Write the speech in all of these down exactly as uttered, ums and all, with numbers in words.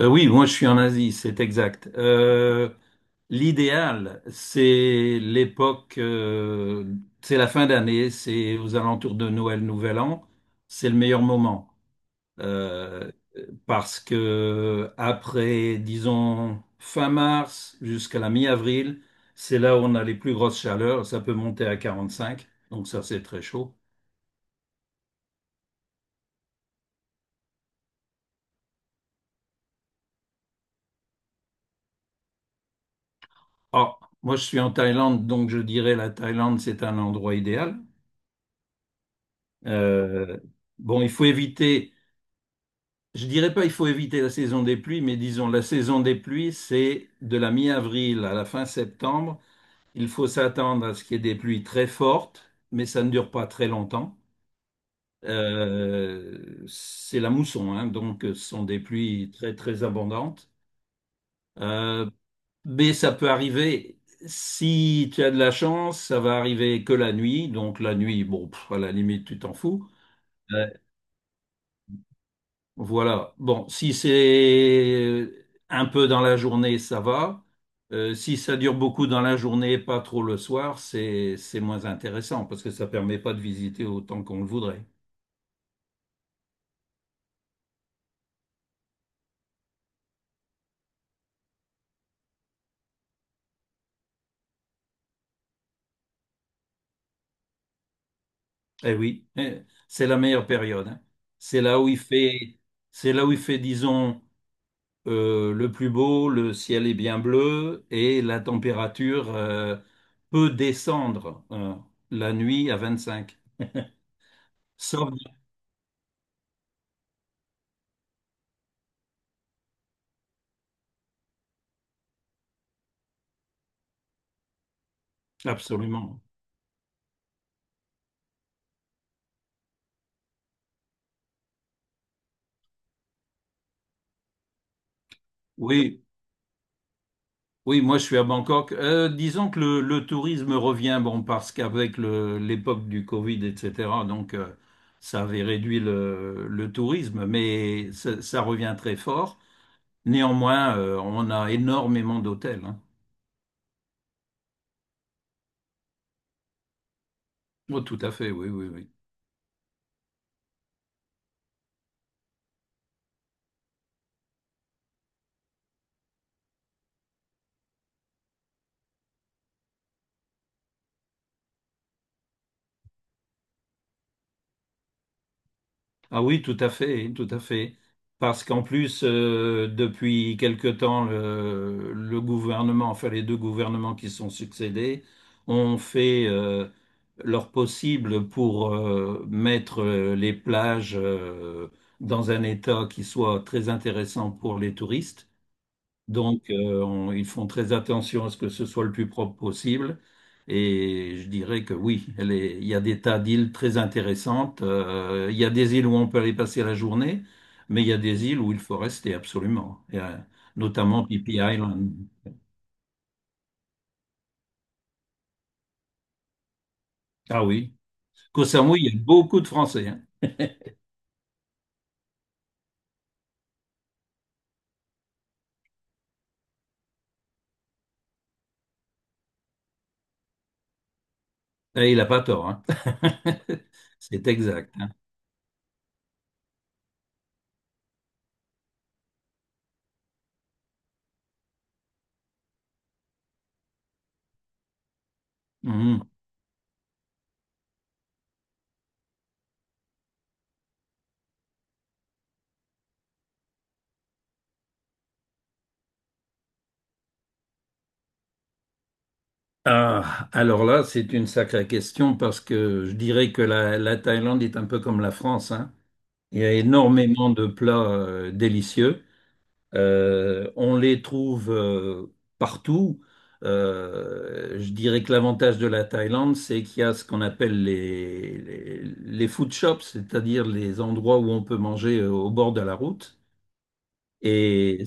Euh, oui, moi je suis en Asie, c'est exact. Euh, l'idéal, c'est l'époque, euh, c'est la fin d'année, c'est aux alentours de Noël, Nouvel An, c'est le meilleur moment. Euh, Parce que après, disons, fin mars jusqu'à la mi-avril, c'est là où on a les plus grosses chaleurs, ça peut monter à quarante cinq, donc ça c'est très chaud. Ah, moi je suis en Thaïlande, donc je dirais la Thaïlande c'est un endroit idéal. Euh, bon, il faut éviter, je dirais pas il faut éviter la saison des pluies, mais disons la saison des pluies, c'est de la mi-avril à la fin septembre. Il faut s'attendre à ce qu'il y ait des pluies très fortes, mais ça ne dure pas très longtemps. Euh, c'est la mousson, hein, donc euh, ce sont des pluies très très abondantes. Euh, mais ça peut arriver, si tu as de la chance, ça va arriver que la nuit. Donc la nuit, bon, pff, à la limite, tu t'en fous. Euh, Voilà. Bon, si c'est un peu dans la journée, ça va. Euh, si ça dure beaucoup dans la journée, pas trop le soir, c'est c'est moins intéressant parce que ça permet pas de visiter autant qu'on le voudrait. Eh oui, eh, c'est la meilleure période, hein. C'est là où il fait, c'est là où il fait, disons, euh, le plus beau, le ciel est bien bleu et la température euh, peut descendre euh, la nuit à vingt-cinq. Sauf absolument. Oui, oui, moi je suis à Bangkok. Euh, disons que le, le tourisme revient, bon, parce qu'avec le- l'époque du Covid, et cetera, donc euh, ça avait réduit le, le tourisme, mais ça, ça revient très fort. Néanmoins, euh, on a énormément d'hôtels, hein. Oh, tout à fait, oui, oui, oui. Ah oui, tout à fait, tout à fait. Parce qu'en plus, euh, depuis quelque temps, le, le gouvernement, enfin les deux gouvernements qui sont succédés, ont fait euh, leur possible pour euh, mettre euh, les plages euh, dans un état qui soit très intéressant pour les touristes. Donc, euh, on- ils font très attention à ce que ce soit le plus propre possible. Et je dirais que oui, elle est- il y a des tas d'îles très intéressantes. Euh, il y a des îles où on peut aller passer la journée, mais il y a des îles où il faut rester absolument. Et, euh, notamment Phi Phi Island. Ah oui. Koh Samui, il y a beaucoup de Français, hein. Et il n'a pas tort, hein. C'est exact, hein. Mhm. Ah, alors là, c'est une sacrée question parce que je dirais que la, la Thaïlande est un peu comme la France, hein. Il y a énormément de plats euh, délicieux. Euh, on les trouve euh, partout. Euh, je dirais que l'avantage de la Thaïlande, c'est qu'il y a ce qu'on appelle les, les, les food shops, c'est-à-dire les endroits où on peut manger euh, au bord de la route. Et,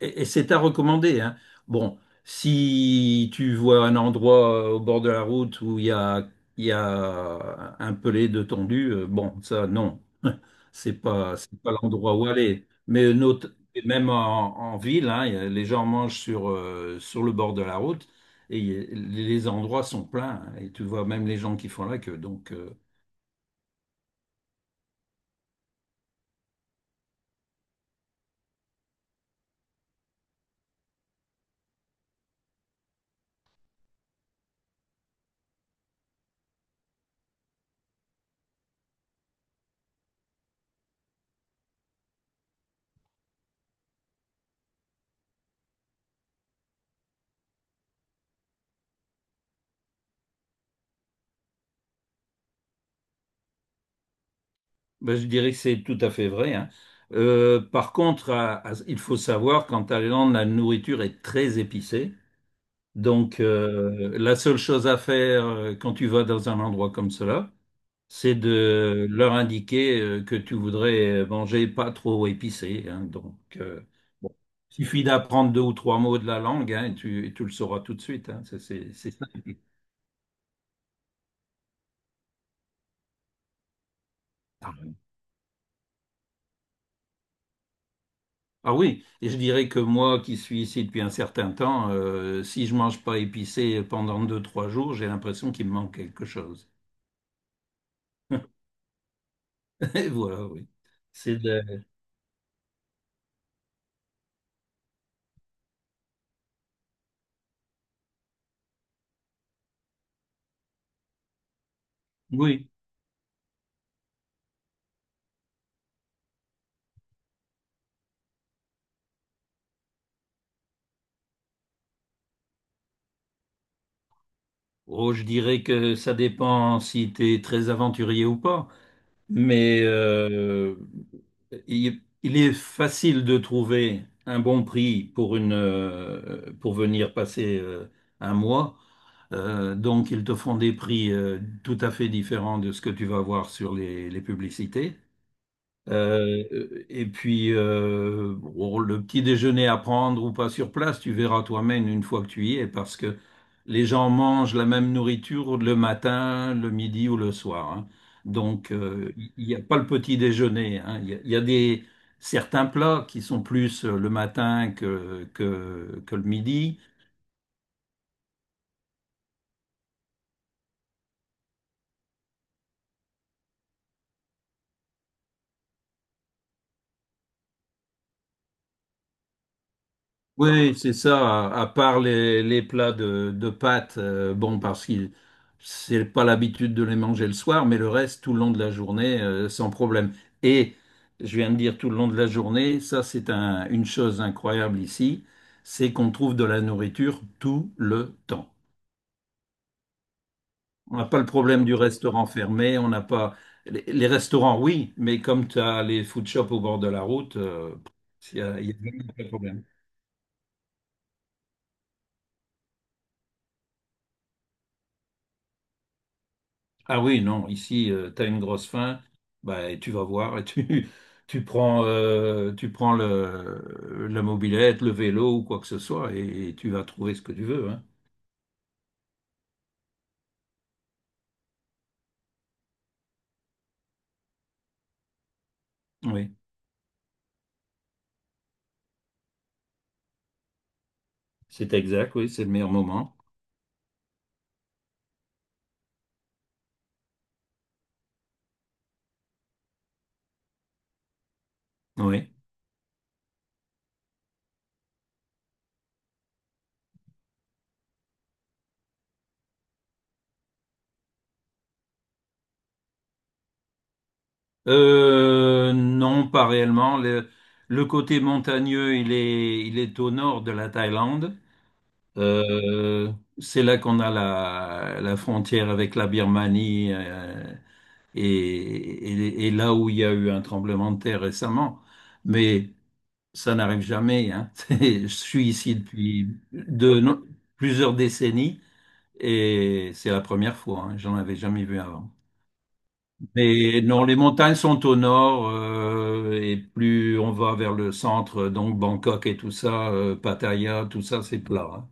et- et c'est à recommander, hein. Bon, si tu vois un endroit euh, au bord de la route où il y a, il y a un pelé de tondu, euh, bon, ça, non. C'est pas, c'est pas l'endroit où aller. Mais nos- et même en, en ville, hein, y a- les gens mangent sur, euh, sur le bord de la route et y- les endroits sont pleins, hein. Et tu vois même les gens qui font la queue. Donc, euh, ben, je dirais que c'est tout à fait vrai, hein. Euh, par contre, à- à- il faut savoir qu'en Thaïlande, la nourriture est très épicée. Donc, euh, la seule chose à faire euh, quand tu vas dans un endroit comme cela, c'est de leur indiquer euh, que tu voudrais euh, manger pas trop épicé, hein. Donc, euh, bon, suffit d'apprendre deux ou trois mots de la langue, hein, et tu, et tu le sauras tout de suite, hein. C'est c'est- c'est ça. Ah oui, et je dirais que moi qui suis ici depuis un certain temps, euh, si je mange pas épicé pendant deux, trois jours, j'ai l'impression qu'il me manque quelque chose. Et voilà, oui. C'est de- Oui. Oh, je dirais que ça dépend si tu es très aventurier ou pas. mais euh, il, il est facile de trouver un bon prix pour une, euh, pour venir passer euh, un mois. Euh, donc, ils te font des prix euh, tout à fait différents de ce que tu vas voir sur les, les publicités. Euh, et puis, euh, bon, le petit déjeuner à prendre ou pas sur place, tu verras toi-même une fois que tu y es, parce que les gens mangent la même nourriture le matin, le midi ou le soir, hein. Donc, euh, il n'y a pas le petit déjeuner, hein. Il y a, il y a des, certains plats qui sont plus euh, le matin que, que, que le midi. Oui, c'est ça, à, à part les, les plats de, de pâtes, euh, bon, parce que c'est pas l'habitude de les manger le soir, mais le reste, tout le long de la journée, euh, sans problème. Et je viens de dire tout le long de la journée, ça c'est un- une chose incroyable ici, c'est qu'on trouve de la nourriture tout le temps. On n'a pas le problème du restaurant fermé, on n'a pas... Les, les restaurants, oui, mais comme tu as les food shops au bord de la route, euh, il y a, il y a vraiment pas de problème. Ah oui, non, ici, tu as une grosse faim, bah, et tu vas voir, et tu, tu prends, euh, tu prends le, la mobilette, le vélo ou quoi que ce soit, et, et tu vas trouver ce que tu veux, hein. Oui, c'est exact, oui, c'est le meilleur moment. Oui. Euh, non, pas réellement. Le, le côté montagneux, il est, il est au nord de la Thaïlande. Euh, c'est là qu'on a la, la frontière avec la Birmanie, euh, et, et- et là où il y a eu un tremblement de terre récemment. Mais ça n'arrive jamais, hein. C'est- Je suis ici depuis de no- plusieurs décennies et c'est la première fois, hein. J'en avais jamais vu avant. Mais non, les montagnes sont au nord euh, et plus on va vers le centre, donc Bangkok et tout ça, euh, Pattaya, tout ça, c'est plat, hein.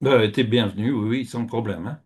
Ben, t'es bienvenu, oui, oui, sans problème, hein.